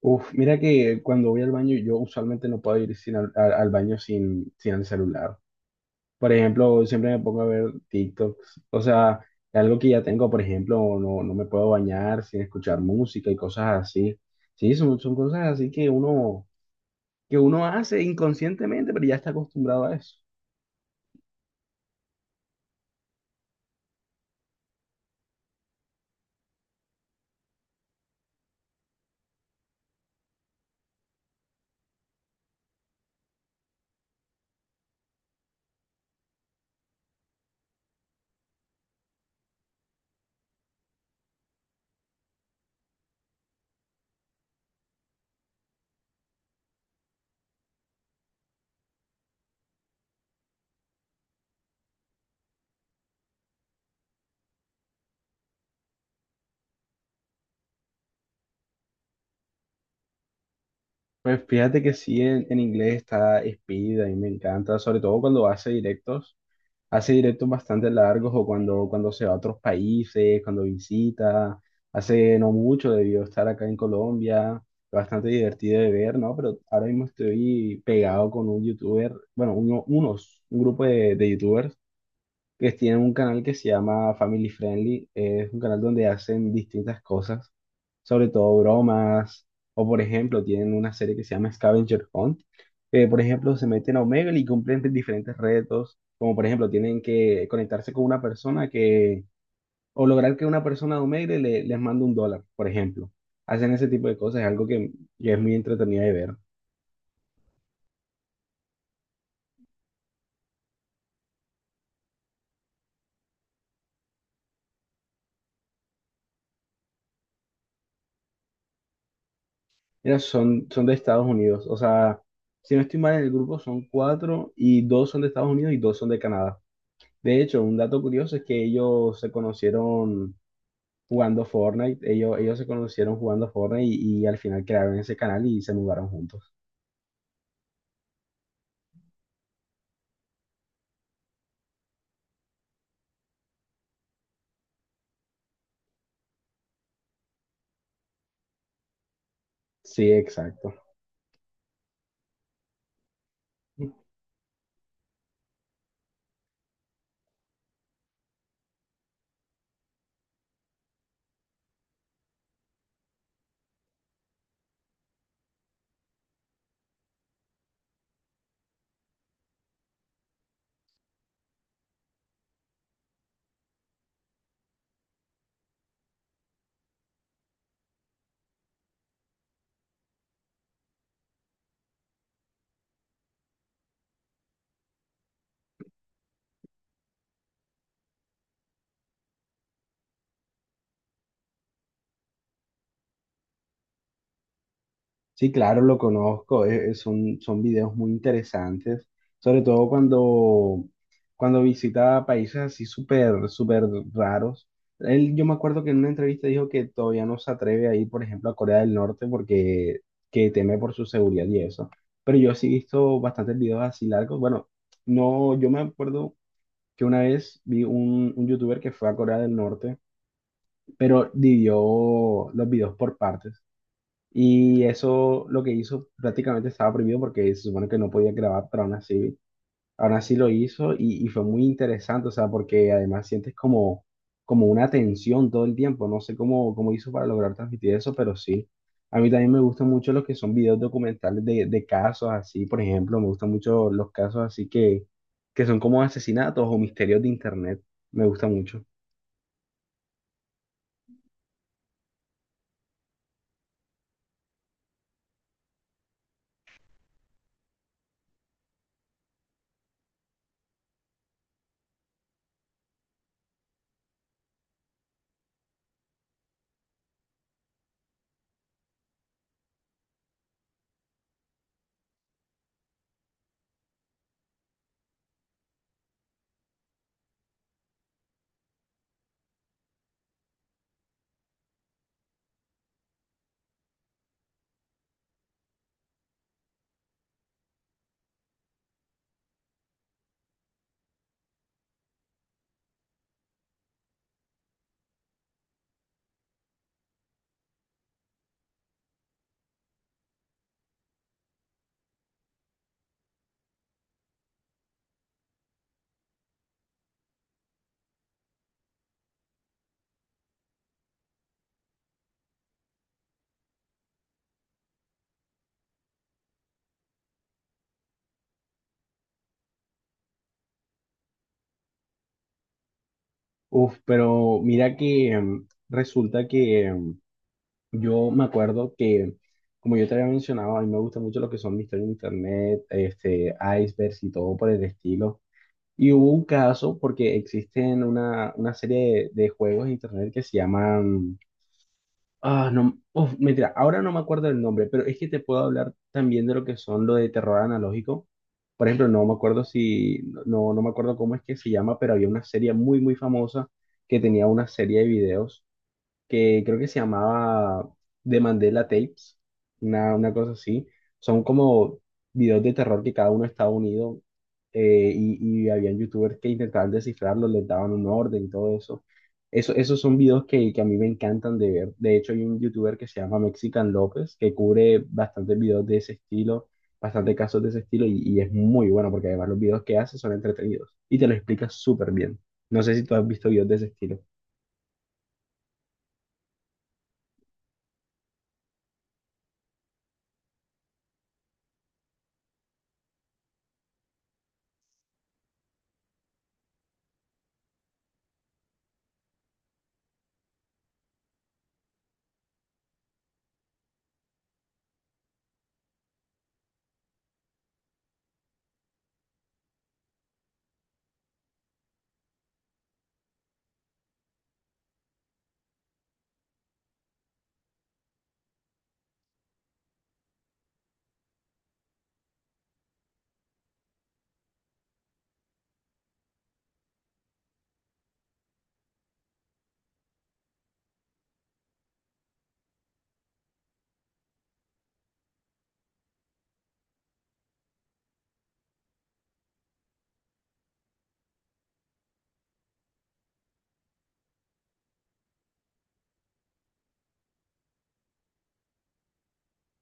Uf, mira que cuando voy al baño, yo usualmente no puedo ir sin al baño sin el celular. Por ejemplo, siempre me pongo a ver TikToks. O sea, algo que ya tengo, por ejemplo, no me puedo bañar sin escuchar música y cosas así. Sí, son cosas así que uno hace inconscientemente, pero ya está acostumbrado a eso. Pues fíjate que sí, en inglés está Speed, a mí me encanta, sobre todo cuando hace directos. Hace directos bastante largos o cuando se va a otros países, cuando visita. Hace no mucho debió estar acá en Colombia, bastante divertido de ver, ¿no? Pero ahora mismo estoy pegado con un youtuber, bueno, un grupo de youtubers que tienen un canal que se llama Family Friendly. Es un canal donde hacen distintas cosas, sobre todo bromas, o por ejemplo, tienen una serie que se llama Scavenger Hunt, que por ejemplo se meten a Omegle y cumplen diferentes retos, como por ejemplo tienen que conectarse con una persona que, o lograr que una persona de Omegle les mande un dólar, por ejemplo. Hacen ese tipo de cosas, es algo que es muy entretenido de ver. Mira, son de Estados Unidos. O sea, si no estoy mal en el grupo, son cuatro y dos son de Estados Unidos y dos son de Canadá. De hecho, un dato curioso es que ellos se conocieron jugando Fortnite. Ellos se conocieron jugando Fortnite y al final crearon ese canal y se mudaron juntos. Sí, exacto. Sí, claro, lo conozco. Son, son videos muy interesantes, sobre todo cuando visita países así súper, súper raros. Él, yo me acuerdo que en una entrevista dijo que todavía no se atreve a ir, por ejemplo, a Corea del Norte porque que teme por su seguridad y eso. Pero yo sí he visto bastantes videos así largos. Bueno, no, yo me acuerdo que una vez vi un youtuber que fue a Corea del Norte, pero dividió los videos por partes. Y eso lo que hizo prácticamente estaba prohibido porque se supone que no podía grabar, pero aún así lo hizo y fue muy interesante, o sea, porque además sientes como, como una tensión todo el tiempo, no sé cómo, cómo hizo para lograr transmitir eso, pero sí. A mí también me gustan mucho los que son videos documentales de casos así, por ejemplo, me gustan mucho los casos así que son como asesinatos o misterios de internet, me gusta mucho. Uf, pero mira que resulta que yo me acuerdo que, como yo te había mencionado, a mí me gusta mucho lo que son misterios en internet, este, icebergs y todo por el estilo. Y hubo un caso porque existen una serie de juegos en internet que se llaman... Ah, no, uf, mentira, ahora no me acuerdo del nombre, pero es que te puedo hablar también de lo que son lo de terror analógico. Por ejemplo, no me acuerdo si, no, no me acuerdo cómo es que se llama, pero había una serie muy, muy famosa que tenía una serie de videos que creo que se llamaba The Mandela Tapes, una cosa así. Son como videos de terror que cada uno estaba unido y habían youtubers que intentaban descifrarlos, les daban un orden y todo eso. Esos son videos que a mí me encantan de ver. De hecho, hay un youtuber que se llama Mexican López que cubre bastantes videos de ese estilo, bastantes casos de ese estilo y es muy bueno porque además los videos que hace son entretenidos y te lo explica súper bien. No sé si tú has visto videos de ese estilo.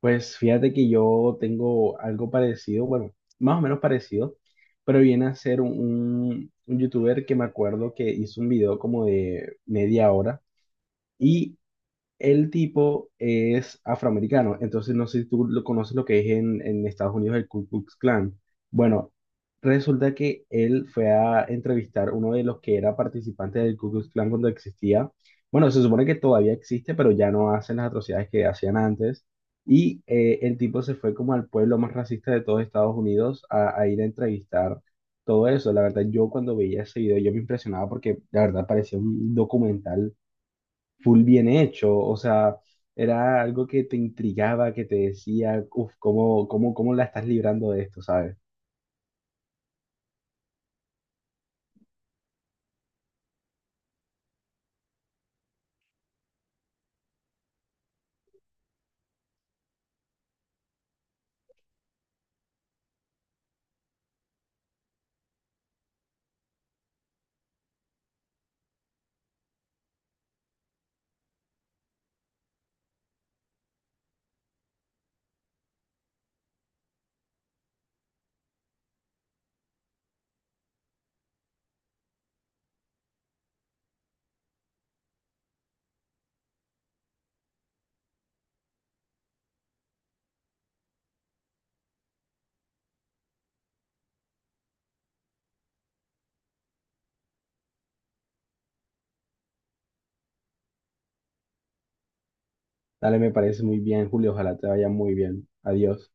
Pues fíjate que yo tengo algo parecido, bueno, más o menos parecido, pero viene a ser un youtuber que me acuerdo que hizo un video como de media hora y el tipo es afroamericano, entonces no sé si tú lo conoces lo que es en Estados Unidos el Ku Klux Klan. Bueno, resulta que él fue a entrevistar uno de los que era participante del Ku Klux Klan cuando existía. Bueno, se supone que todavía existe, pero ya no hacen las atrocidades que hacían antes. Y el tipo se fue como al pueblo más racista de todos Estados Unidos a ir a entrevistar todo eso. La verdad, yo cuando veía ese video, yo me impresionaba porque la verdad parecía un documental full bien hecho, o sea, era algo que te intrigaba, que te decía, uff, ¿cómo, cómo, cómo la estás librando de esto? ¿Sabes? Dale, me parece muy bien, Julio, ojalá te vaya muy bien. Adiós.